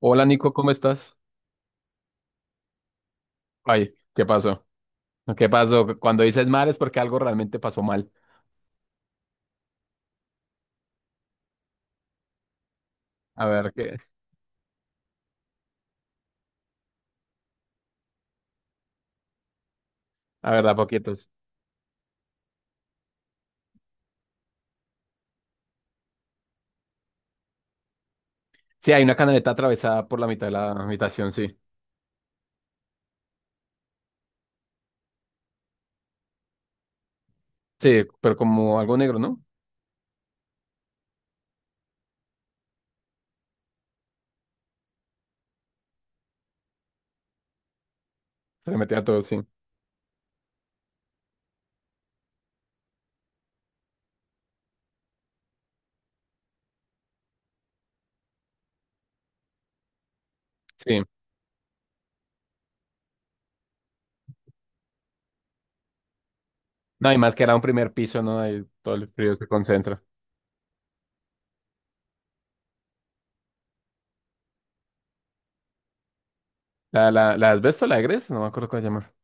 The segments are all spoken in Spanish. Hola, Nico, ¿cómo estás? Ay, ¿qué pasó? ¿Qué pasó? Cuando dices mal es porque algo realmente pasó mal. A ver, qué, a ver, da poquitos. Sí, hay una canaleta atravesada por la mitad de la habitación, sí. Sí, pero como algo negro, ¿no? Se le metía todo, sí. Sí. No, y más que era un primer piso, ¿no? Ahí todo el frío se concentra. ¿La asbesto, la egres? No me acuerdo cómo llamar.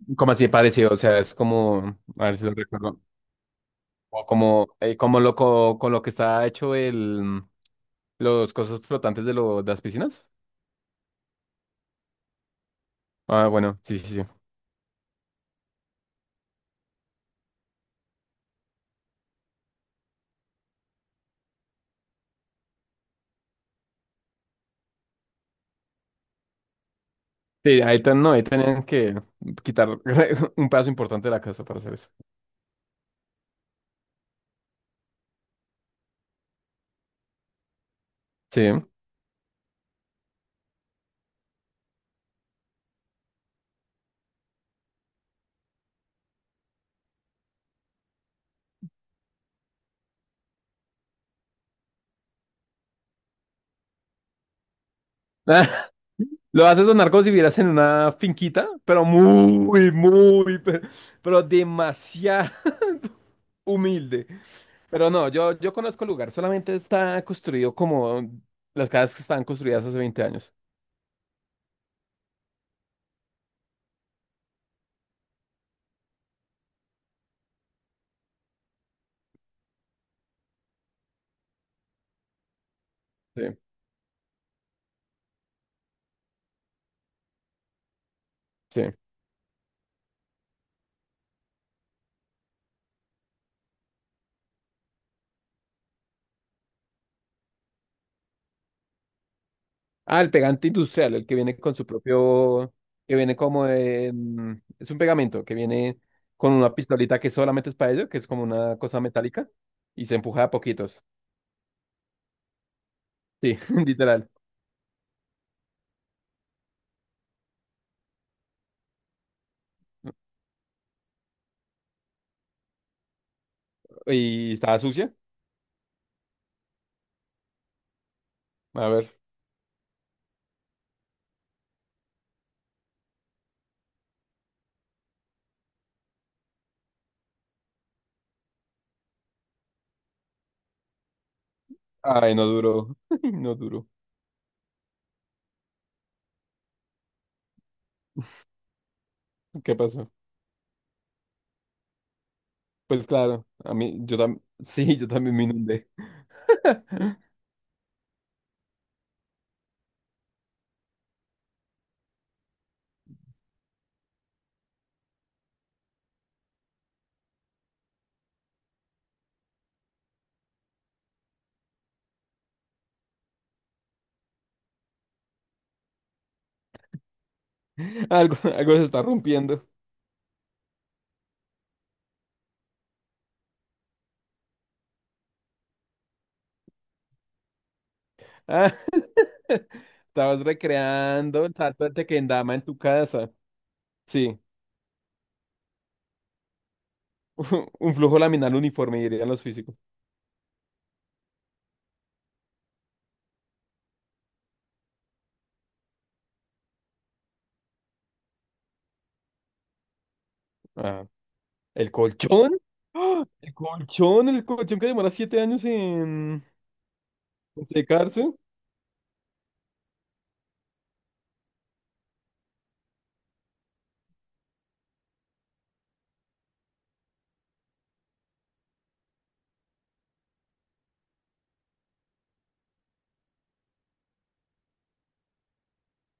Llama. Como así parecido, o sea, es como, a ver si lo recuerdo. O como, como lo, con lo que está hecho el, los cosas flotantes de las piscinas. Ah, bueno, sí, sí, sí. Sí, ahí, no, ahí tenían que quitar un pedazo importante de la casa para hacer eso. Sí. Lo haces sonar como si vivieras en una finquita, pero muy, muy, pero, demasiado humilde. Pero no, yo conozco el lugar, solamente está construido como las casas que estaban construidas hace 20 años. Sí, sí. Ah, el pegante industrial, el que viene con su propio, que viene como es un pegamento que viene con una pistolita que solamente es para ello, que es como una cosa metálica y se empuja a poquitos. Sí, literal. Y estaba sucia. A ver. Ay, no duró. No duró. ¿Qué pasó? Pues claro, a mí, sí, yo también me inundé. Algo se está rompiendo. Ah, estabas recreando el salto de Tequendama en tu casa. Sí. Un flujo laminar uniforme, dirían los físicos. Ah, ¿el colchón? ¡Ah! ¿El colchón? ¿El colchón que demora 7 años en secarse?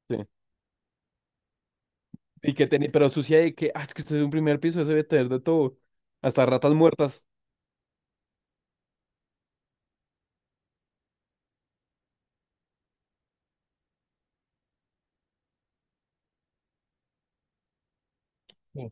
Sí. Y que tenía, pero sucia de que, ah, es que usted es un primer piso, eso debe tener de todo. Hasta ratas muertas. Sí.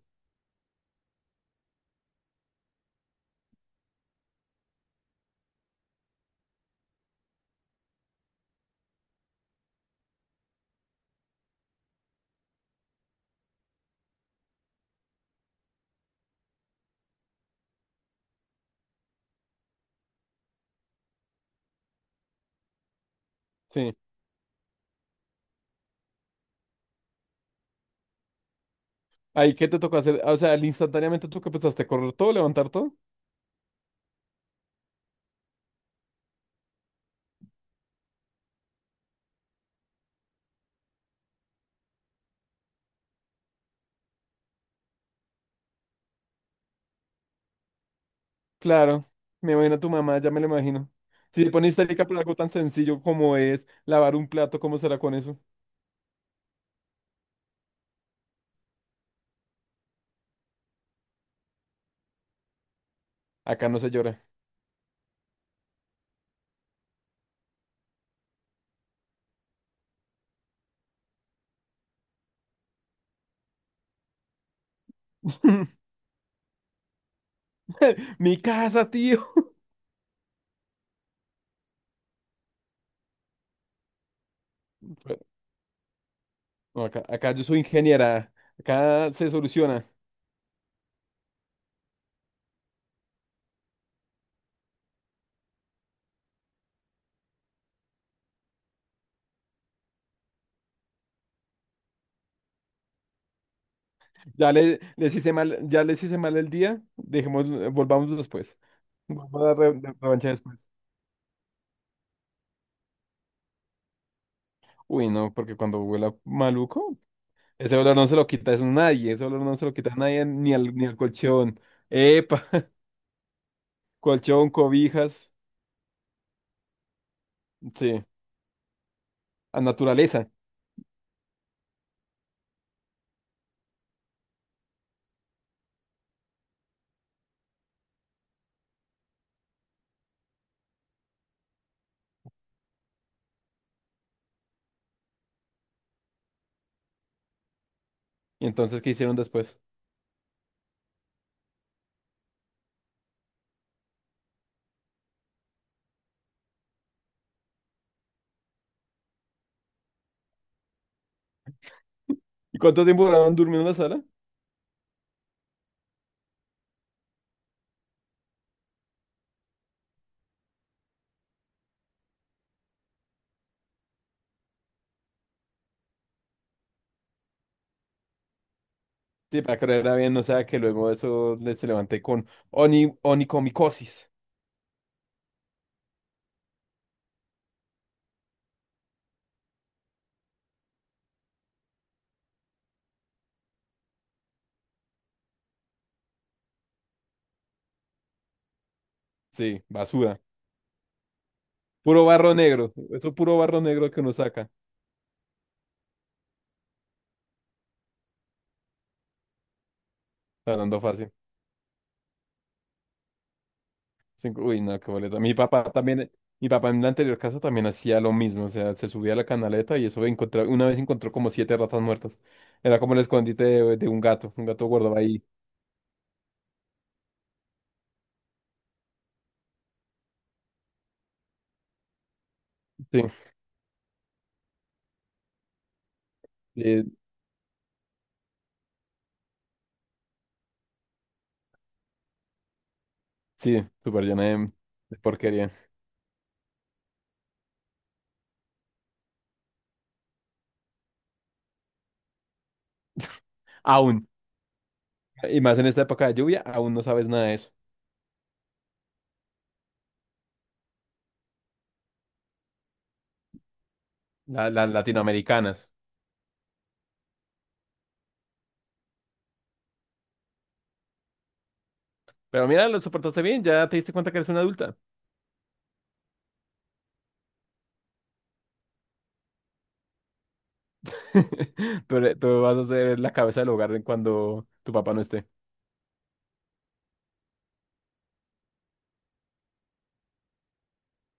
Sí. Ahí, ¿qué te tocó hacer? Ah, o sea, al instantáneamente tú que pensaste, correr todo, levantar todo. Claro, me imagino a tu mamá, ya me lo imagino. Si te pones histérica por algo tan sencillo como es lavar un plato, ¿cómo será con eso? Acá no se llora. Mi casa, tío. No, acá yo soy ingeniera. Acá se soluciona. Ya le, les hice mal, ya les hice mal el día. Volvamos después. Volvamos a la revancha después. Uy, no, porque cuando huela maluco, ese olor no se lo quita, es nadie. Ese olor no se lo quita a nadie, ni al colchón. Epa, colchón, cobijas. Sí, a naturaleza. ¿Y entonces qué hicieron después? ¿Y cuánto tiempo duraron durmiendo en la sala? Sí, para creer era bien, o sea, que luego eso se levanté con onicomicosis. Sí, basura. Puro barro negro. Eso es puro barro negro que uno saca. Hablando fácil. Uy, no, qué boleta. Mi papá en la anterior casa también hacía lo mismo. O sea, se subía a la canaleta y eso encontraba, una vez encontró como siete ratas muertas. Era como el escondite de, un gato. Un gato guardaba ahí. Sí, eh, sí, súper llena de, porquería. Aún. Y más en esta época de lluvia, aún no sabes nada de eso. Las latinoamericanas. Pero mira, lo soportaste bien, ya te diste cuenta que eres una adulta. Tú vas a ser la cabeza del hogar en cuando tu papá no esté.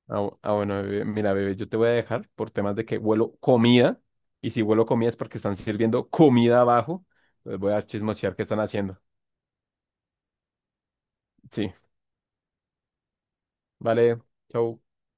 Ah, bueno, bebé. Mira, bebé, yo te voy a dejar por temas de que huelo comida. Y si huelo comida es porque están sirviendo comida abajo. Les voy a chismosear qué están haciendo. Sí, vale. Chau.